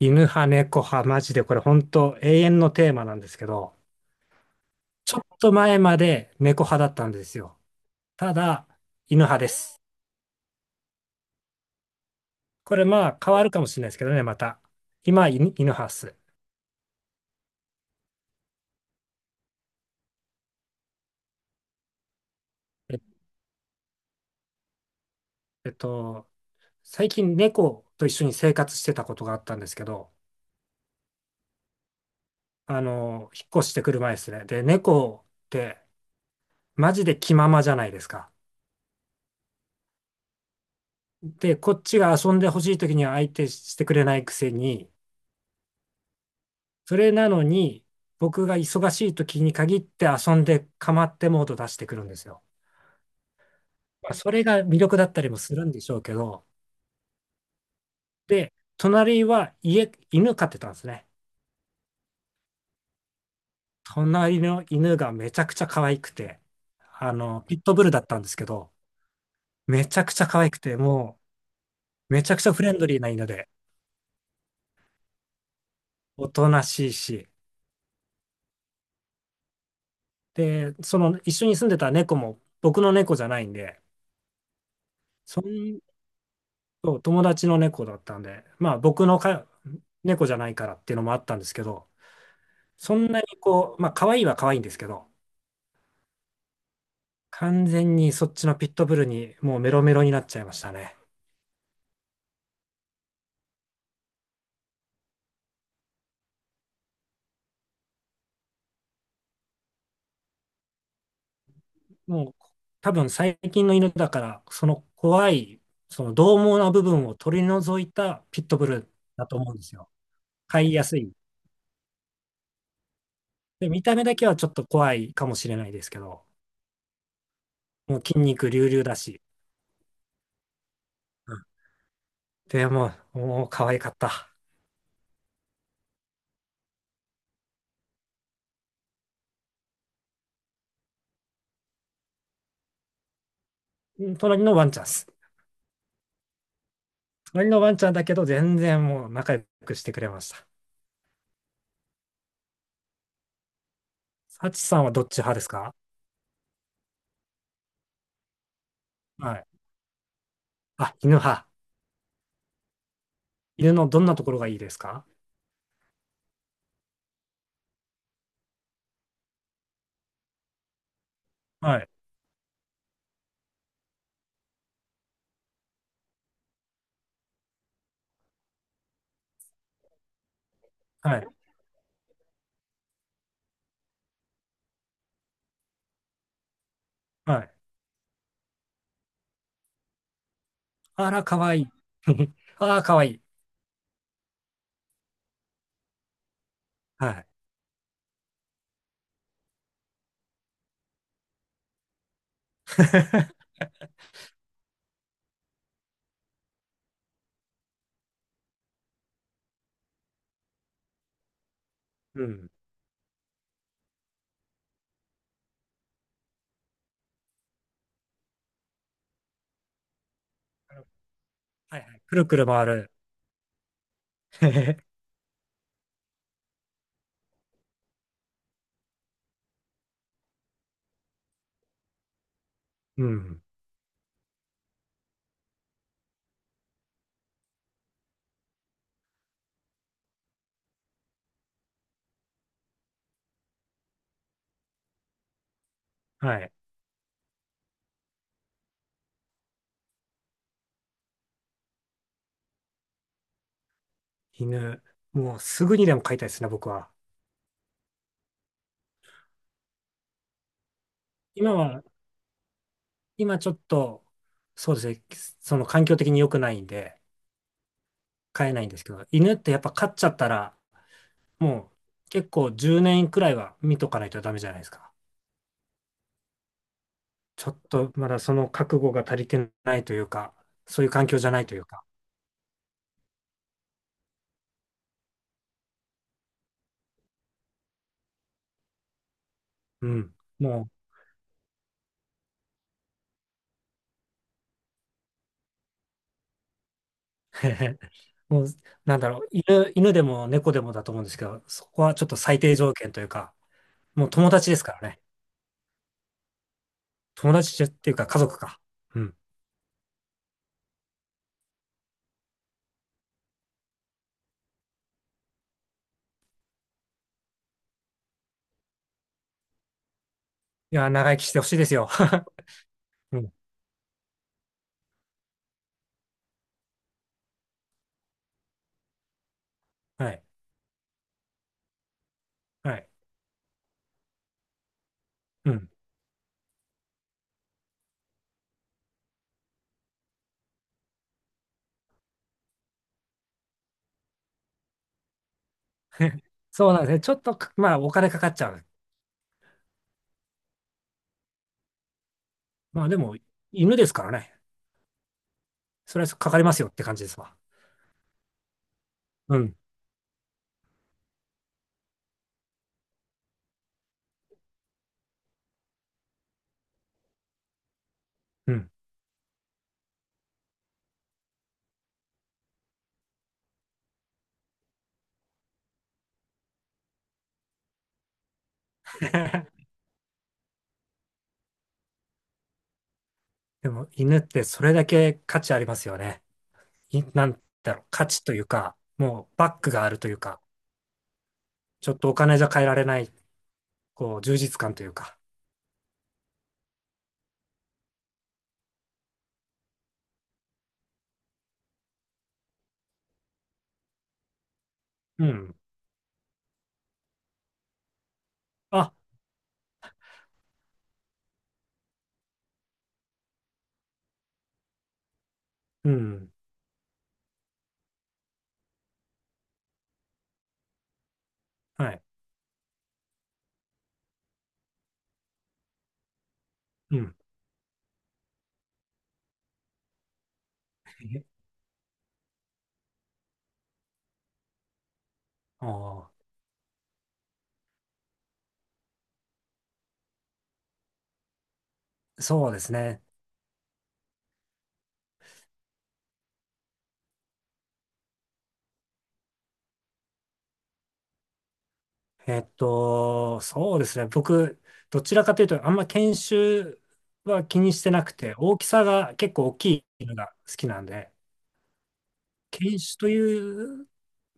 犬派、猫派、マジでこれ本当永遠のテーマなんですけど、ちょっと前まで猫派だったんですよ。ただ、犬派です。これまあ変わるかもしれないですけどね、また。今、犬派っす。え、えっと、最近猫と一緒に生活してたことがあったんですけど、引っ越してくる前ですね。で、猫ってマジで気ままじゃないですか。で、こっちが遊んでほしい時には相手してくれないくせに、それなのに、僕が忙しい時に限って遊んで構ってモード出してくるんですよ。まあそれが魅力だったりもするんでしょうけど、で、隣は家、犬飼ってたんですね。隣の犬がめちゃくちゃ可愛くて、ピットブルだったんですけど、めちゃくちゃ可愛くて、めちゃくちゃフレンドリーな犬で、おとなしいし、で、その一緒に住んでた猫も僕の猫じゃないんで、そんそう、友達の猫だったんで、まあ僕の猫じゃないからっていうのもあったんですけど、そんなにこう、まあ可愛いは可愛いんですけど、完全にそっちのピットブルにもうメロメロになっちゃいましたね。もう多分最近の犬だから、その怖い、その獰猛な部分を取り除いたピットブルだと思うんですよ。飼いやすい。で、見た目だけはちょっと怖いかもしれないですけど、もう筋肉隆々だし、うんでもう、もう可愛かった。隣のワンちゃんっす。隣のワンちゃんだけど、全然もう仲良くしてくれました。サチさんはどっち派ですか？はい。あ、犬派。犬のどんなところがいいですか？はい。はい。はい。あら、かわいい。あら、かわいい。はい。うん。はいはい。くるくる回る。うん。はい。犬。もうすぐにでも飼いたいですね、僕は。今は、今ちょっと、そうですね、その環境的に良くないんで、飼えないんですけど、犬ってやっぱ飼っちゃったら、もう結構10年くらいは見とかないとダメじゃないですか。ちょっとまだその覚悟が足りてないというか、そういう環境じゃないというか、うん。もう、へへもう、なんだろう、犬でも猫でもだと思うんですけど、そこはちょっと最低条件というか、もう友達ですからね。友達っていうか家族か。うん。いや、長生きしてほしいですよ。うん。はい。はい。うん。そうなんですね。ちょっとか、まあ、お金かかっちゃう。まあ、でも、犬ですからね。それはかかりますよって感じですわ。うん。うん。でも犬ってそれだけ価値ありますよね。い、なんだろう、価値というか、もうバックがあるというか、ちょっとお金じゃ買えられない、こう、充実感というか。うん。あ、うん。はい。うん。えあーそうですね。そうですね。僕、どちらかというと、あんま犬種は気にしてなくて、大きさが結構大きい犬が好きなんで、犬種という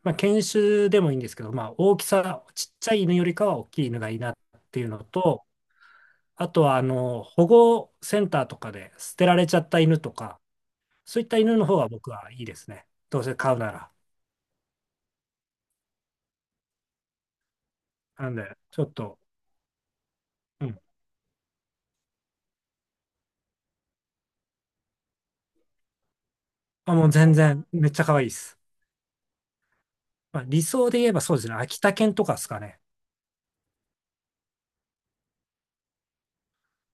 まあ、犬種でもいいんですけど、まあ、大きさ、ちっちゃい犬よりかは大きい犬がいいなっていうのと、あとはあの保護センターとかで捨てられちゃった犬とか、そういった犬の方が僕はいいですね。どうせ飼うなら。なんで、ちょっと、うん。まあ、もう全然、めっちゃ可愛いです。まあ、理想で言えばそうですね。秋田犬とかですかね。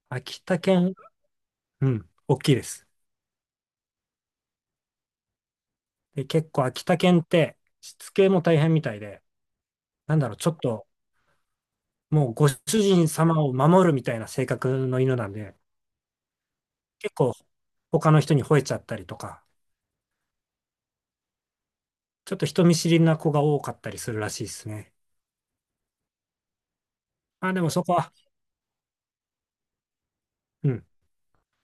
秋田犬、うん、大きいです。で、結構秋田犬ってしつけも大変みたいで、なんだろう、ちょっともうご主人様を守るみたいな性格の犬なんで、結構他の人に吠えちゃったりとか、ちょっと人見知りな子が多かったりするらしいですね。あ、でもそこは、うん、も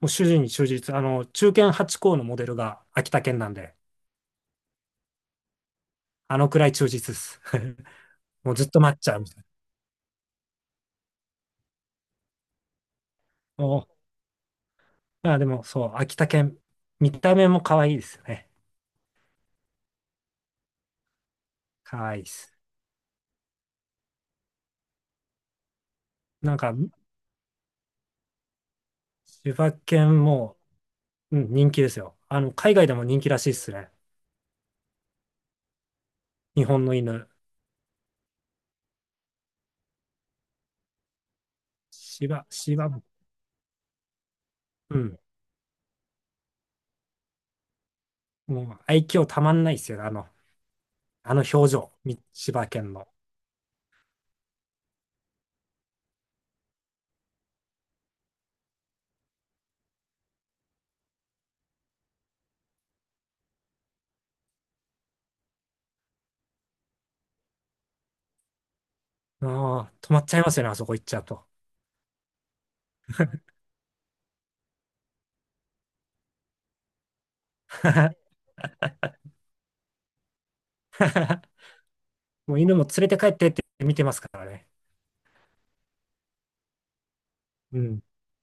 う主人に忠実。あの、中堅八校のモデルが秋田県なんで、あのくらい忠実です。もうずっと待っちゃうみたいな。おあ、でもそう、秋田県、見た目も可愛いですよね。可愛いです。なんか、千葉県も、うん、人気ですよ。あの、海外でも人気らしいですね。日本の犬。芝、芝も、うん。もう愛嬌たまんないですよね。あの、あの表情、み千葉県の。ああ、止まっちゃいますよね、あそこ行っちゃうと。もう犬も連れて帰ってって見てますからね。うん。